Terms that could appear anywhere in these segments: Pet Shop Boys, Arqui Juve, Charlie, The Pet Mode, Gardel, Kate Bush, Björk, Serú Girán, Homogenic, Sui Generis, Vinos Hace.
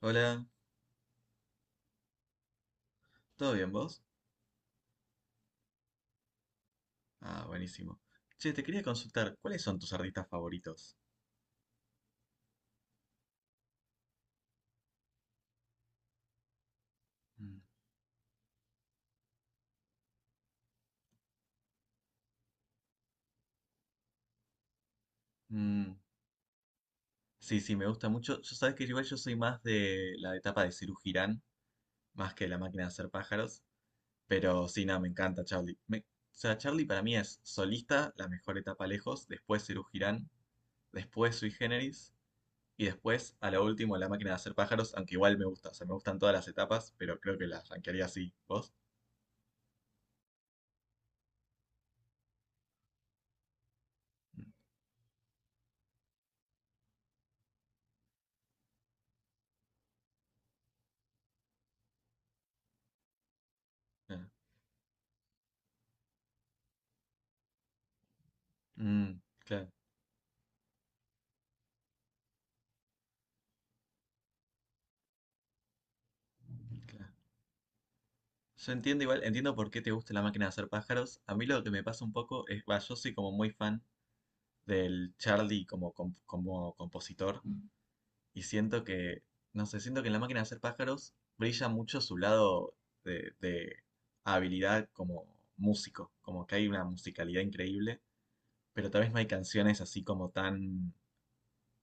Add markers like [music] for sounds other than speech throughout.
Hola, ¿todo bien vos? Ah, buenísimo. Che, te quería consultar, ¿cuáles son tus artistas favoritos? Mm. Mm, sí, sí, me gusta mucho. Yo sabes que igual yo soy más de la etapa de Serú Girán, más que de la máquina de hacer pájaros, pero sí, nada, me encanta Charlie. O sea, Charlie para mí es solista, la mejor etapa lejos, después Serú Girán, después Sui Generis, y después, a lo último, la máquina de hacer pájaros, aunque igual me gusta, o sea, me gustan todas las etapas, pero creo que las rankearía así. ¿Vos? Mm, ah, mm, claro, claro. Yo entiendo igual, entiendo por qué te gusta la máquina de hacer pájaros. A mí lo que me pasa un poco es, va, yo soy como muy fan del Charlie como compositor y siento que, no sé, siento que en la máquina de hacer pájaros brilla mucho su lado de habilidad como músico, como que hay una musicalidad increíble, pero tal vez no hay canciones así como tan,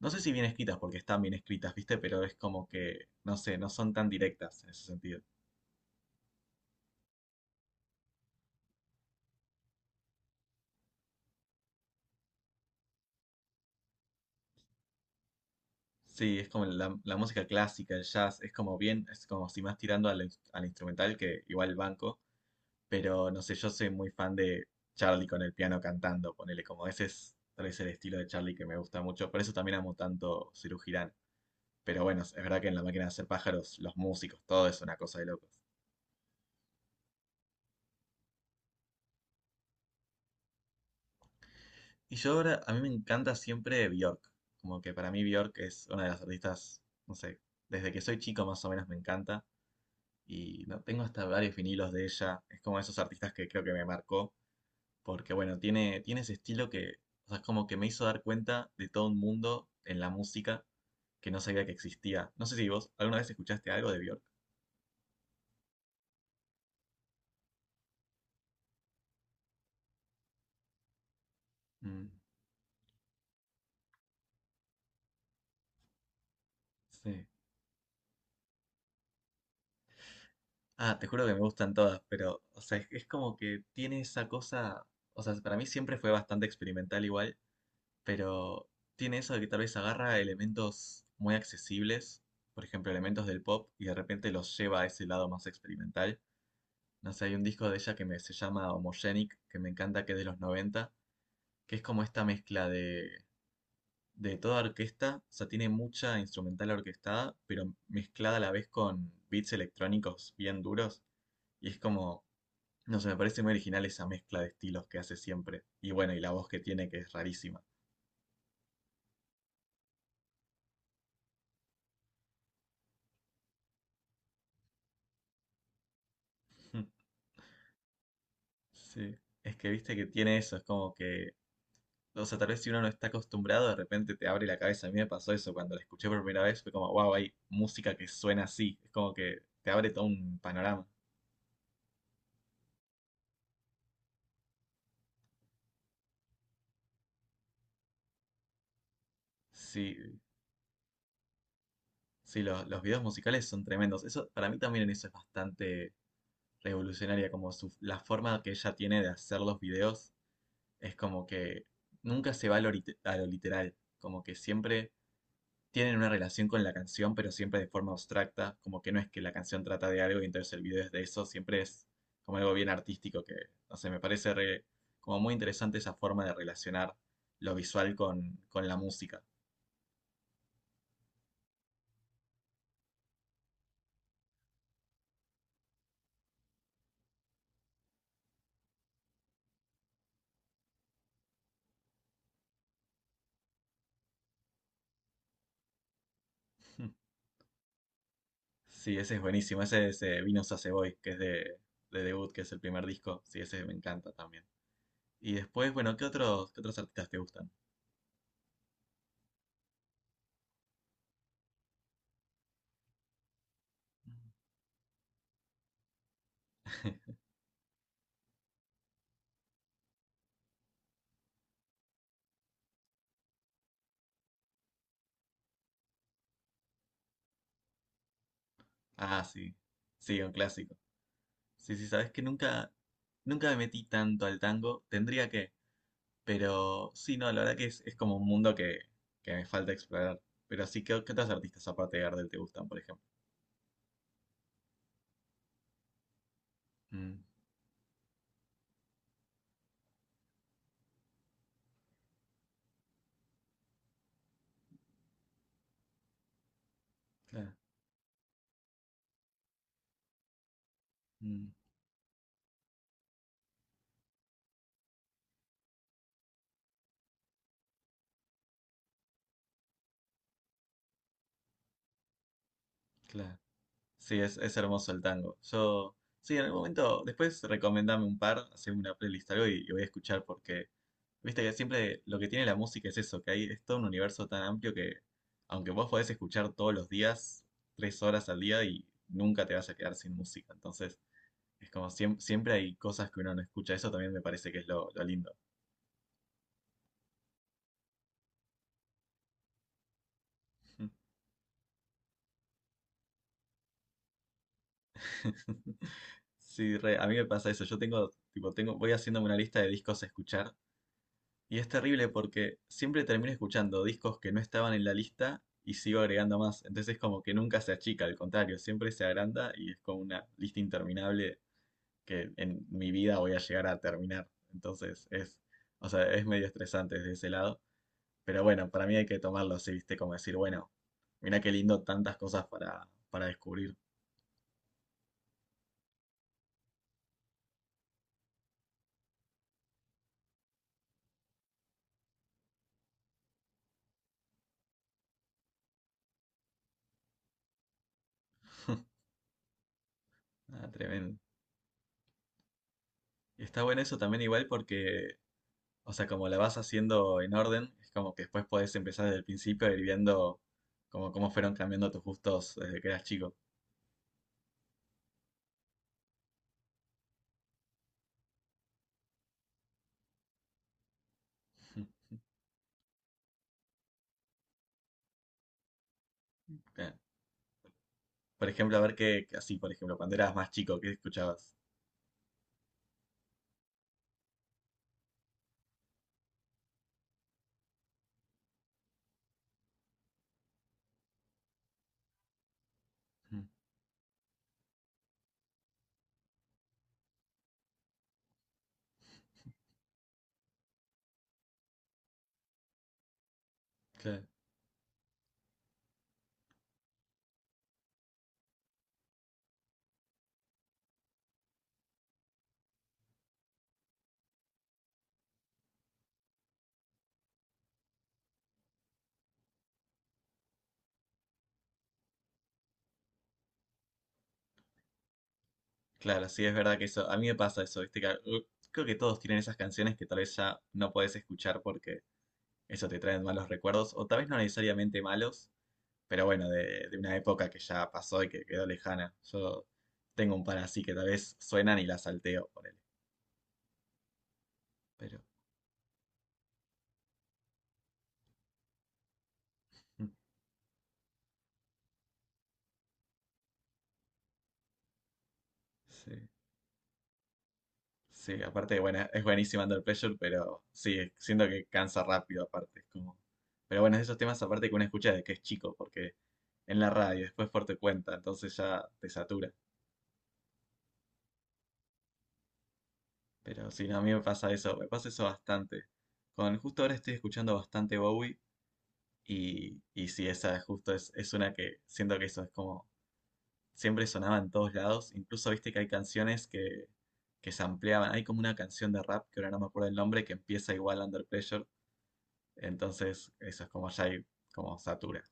no sé si bien escritas, porque están bien escritas, ¿viste? Pero es como que, no sé, no son tan directas en ese sentido. Sí, es como la música clásica, el jazz, es como bien, es como si más tirando al instrumental que igual el banco, pero no sé, yo soy muy fan de Charlie con el piano cantando, ponele como ese es tal vez el estilo de Charlie que me gusta mucho, por eso también amo tanto Ciru Girán. Pero bueno, es verdad que en La Máquina de Hacer Pájaros, los músicos, todo es una cosa de locos. Y yo ahora, a mí me encanta siempre Bjork, como que para mí Bjork es una de las artistas, no sé, desde que soy chico más o menos me encanta. Y no tengo hasta varios vinilos de ella. Es como esos artistas que creo que me marcó, porque bueno, tiene, tiene ese estilo que, o sea, es como que me hizo dar cuenta de todo un mundo en la música que no sabía que existía. No sé si vos alguna vez escuchaste algo de Björk. Mm, sí. Ah, te juro que me gustan todas, pero, o sea, es como que tiene esa cosa, o sea, para mí siempre fue bastante experimental igual, pero tiene eso de que tal vez agarra elementos muy accesibles, por ejemplo, elementos del pop, y de repente los lleva a ese lado más experimental. No sé, hay un disco de ella que me, se llama Homogenic, que me encanta, que es de los noventa, que es como esta mezcla de toda orquesta, o sea, tiene mucha instrumental orquestada, pero mezclada a la vez con beats electrónicos bien duros, y es como, no sé, me parece muy original esa mezcla de estilos que hace siempre. Y bueno, y la voz que tiene, que es rarísima. [laughs] Sí, es que viste que tiene eso, es como que o sea, tal vez si uno no está acostumbrado, de repente te abre la cabeza. A mí me pasó eso cuando la escuché por primera vez, fue como, wow, hay música que suena así. Es como que te abre todo un panorama. Sí, sí, los videos musicales son tremendos. Eso, para mí también en eso es bastante revolucionaria, como su, la forma que ella tiene de hacer los videos es como que nunca se va a lo, a lo literal, como que siempre tienen una relación con la canción, pero siempre de forma abstracta, como que no es que la canción trata de algo y entonces el video es de eso, siempre es como algo bien artístico que, no sé, me parece re- como muy interesante esa forma de relacionar lo visual con la música. [laughs] Sí, ese es buenísimo, ese es Vinos Hace, que es de debut, que es el primer disco, sí, ese me encanta también. Y después, bueno, qué otros artistas te gustan? [laughs] Ah, sí. Sí, un clásico. Sí, sí, sabes que nunca, nunca me metí tanto al tango. Tendría que, pero sí, no, la verdad que es como un mundo que me falta explorar. Pero sí, ¿qué, qué otros artistas aparte de Gardel te gustan, por ejemplo? Mm, claro, mm, claro. Sí, es hermoso el tango. Yo, sí, en algún momento, después recomendame un par, haceme una playlist algo y voy a escuchar porque, viste que siempre lo que tiene la música es eso, que hay, es todo un universo tan amplio que, aunque vos podés escuchar todos los días, 3 horas al día y nunca te vas a quedar sin música. Entonces, es como siempre hay cosas que uno no escucha. Eso también me parece que es lo lindo. [laughs] Sí, re, a mí me pasa eso. Yo tengo, tipo, tengo, voy haciéndome una lista de discos a escuchar y es terrible porque siempre termino escuchando discos que no estaban en la lista y sigo agregando más. Entonces es como que nunca se achica, al contrario, siempre se agranda y es como una lista interminable que en mi vida voy a llegar a terminar. Entonces es, o sea, es medio estresante desde ese lado. Pero bueno, para mí hay que tomarlo así, ¿viste? Como decir, bueno, mira qué lindo tantas cosas para descubrir. Ah, tremendo. Y está bueno eso también igual porque, o sea, como la vas haciendo en orden, es como que después podés empezar desde el principio a ir viendo como cómo fueron cambiando tus gustos desde que eras chico. [laughs] Claro. Por ejemplo, a ver qué, qué- así, por ejemplo, cuando eras más chico, ¿qué escuchabas? Mm, claro, claro, sí, es verdad que eso, a mí me pasa eso, ¿viste? Que, creo que todos tienen esas canciones que tal vez ya no podés escuchar, eso te trae malos recuerdos, o tal vez no necesariamente malos, pero bueno, de una época que ya pasó y que quedó lejana. Yo tengo un par así que tal vez suenan y las salteo, ponele. Pero mm, sí, sí, aparte, bueno, es buenísimo Under Pressure, pero sí, es- siento que cansa rápido, aparte. Es como... Pero bueno, es de esos temas aparte que uno escucha desde que es chico, porque en la radio, después por tu cuenta, entonces ya te satura. Pero sí, no, a mí me pasa eso bastante. Con, justo ahora estoy escuchando bastante Bowie. Y sí, esa justo es una que siento que eso es como siempre sonaba en todos lados. Incluso viste que hay canciones que se ampliaban. Hay como una canción de rap, que ahora no me acuerdo el nombre, que empieza igual Under Pressure. Entonces, eso es como ya hay, como satura.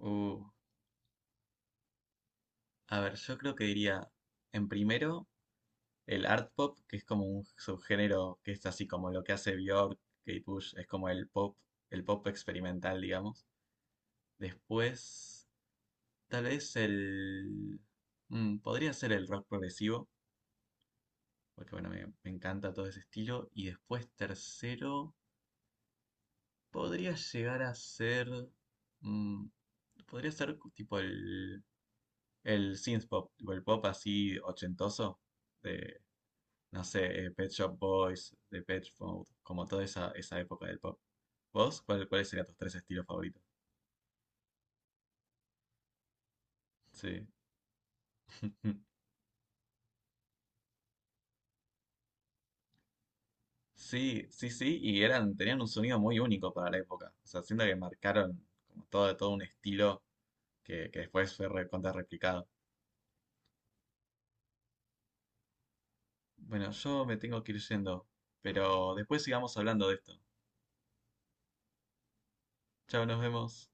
Uh, a ver, yo creo que diría, en primero, el art pop, que es como un subgénero que es así como lo que hace Björk, Kate Bush, es como el pop experimental, digamos. Después, tal vez el... mm, podría ser el rock progresivo, porque bueno, me encanta todo ese estilo. Y después, tercero, podría llegar a ser... mm, podría ser tipo el synth pop, tipo el pop así ochentoso, de no sé, Pet Shop Boys, The Pet Mode, como toda esa época del pop. ¿Vos? ¿Cuál, cuáles serían tus tres estilos favoritos? Sí. [laughs] Sí, sí, sí, y eran, tenían un sonido muy único para la época. O sea, siento que marcaron como todo, todo un estilo que después fue recontra replicado. Bueno, yo me tengo que ir yendo, pero después sigamos hablando de esto. Chao, nos vemos.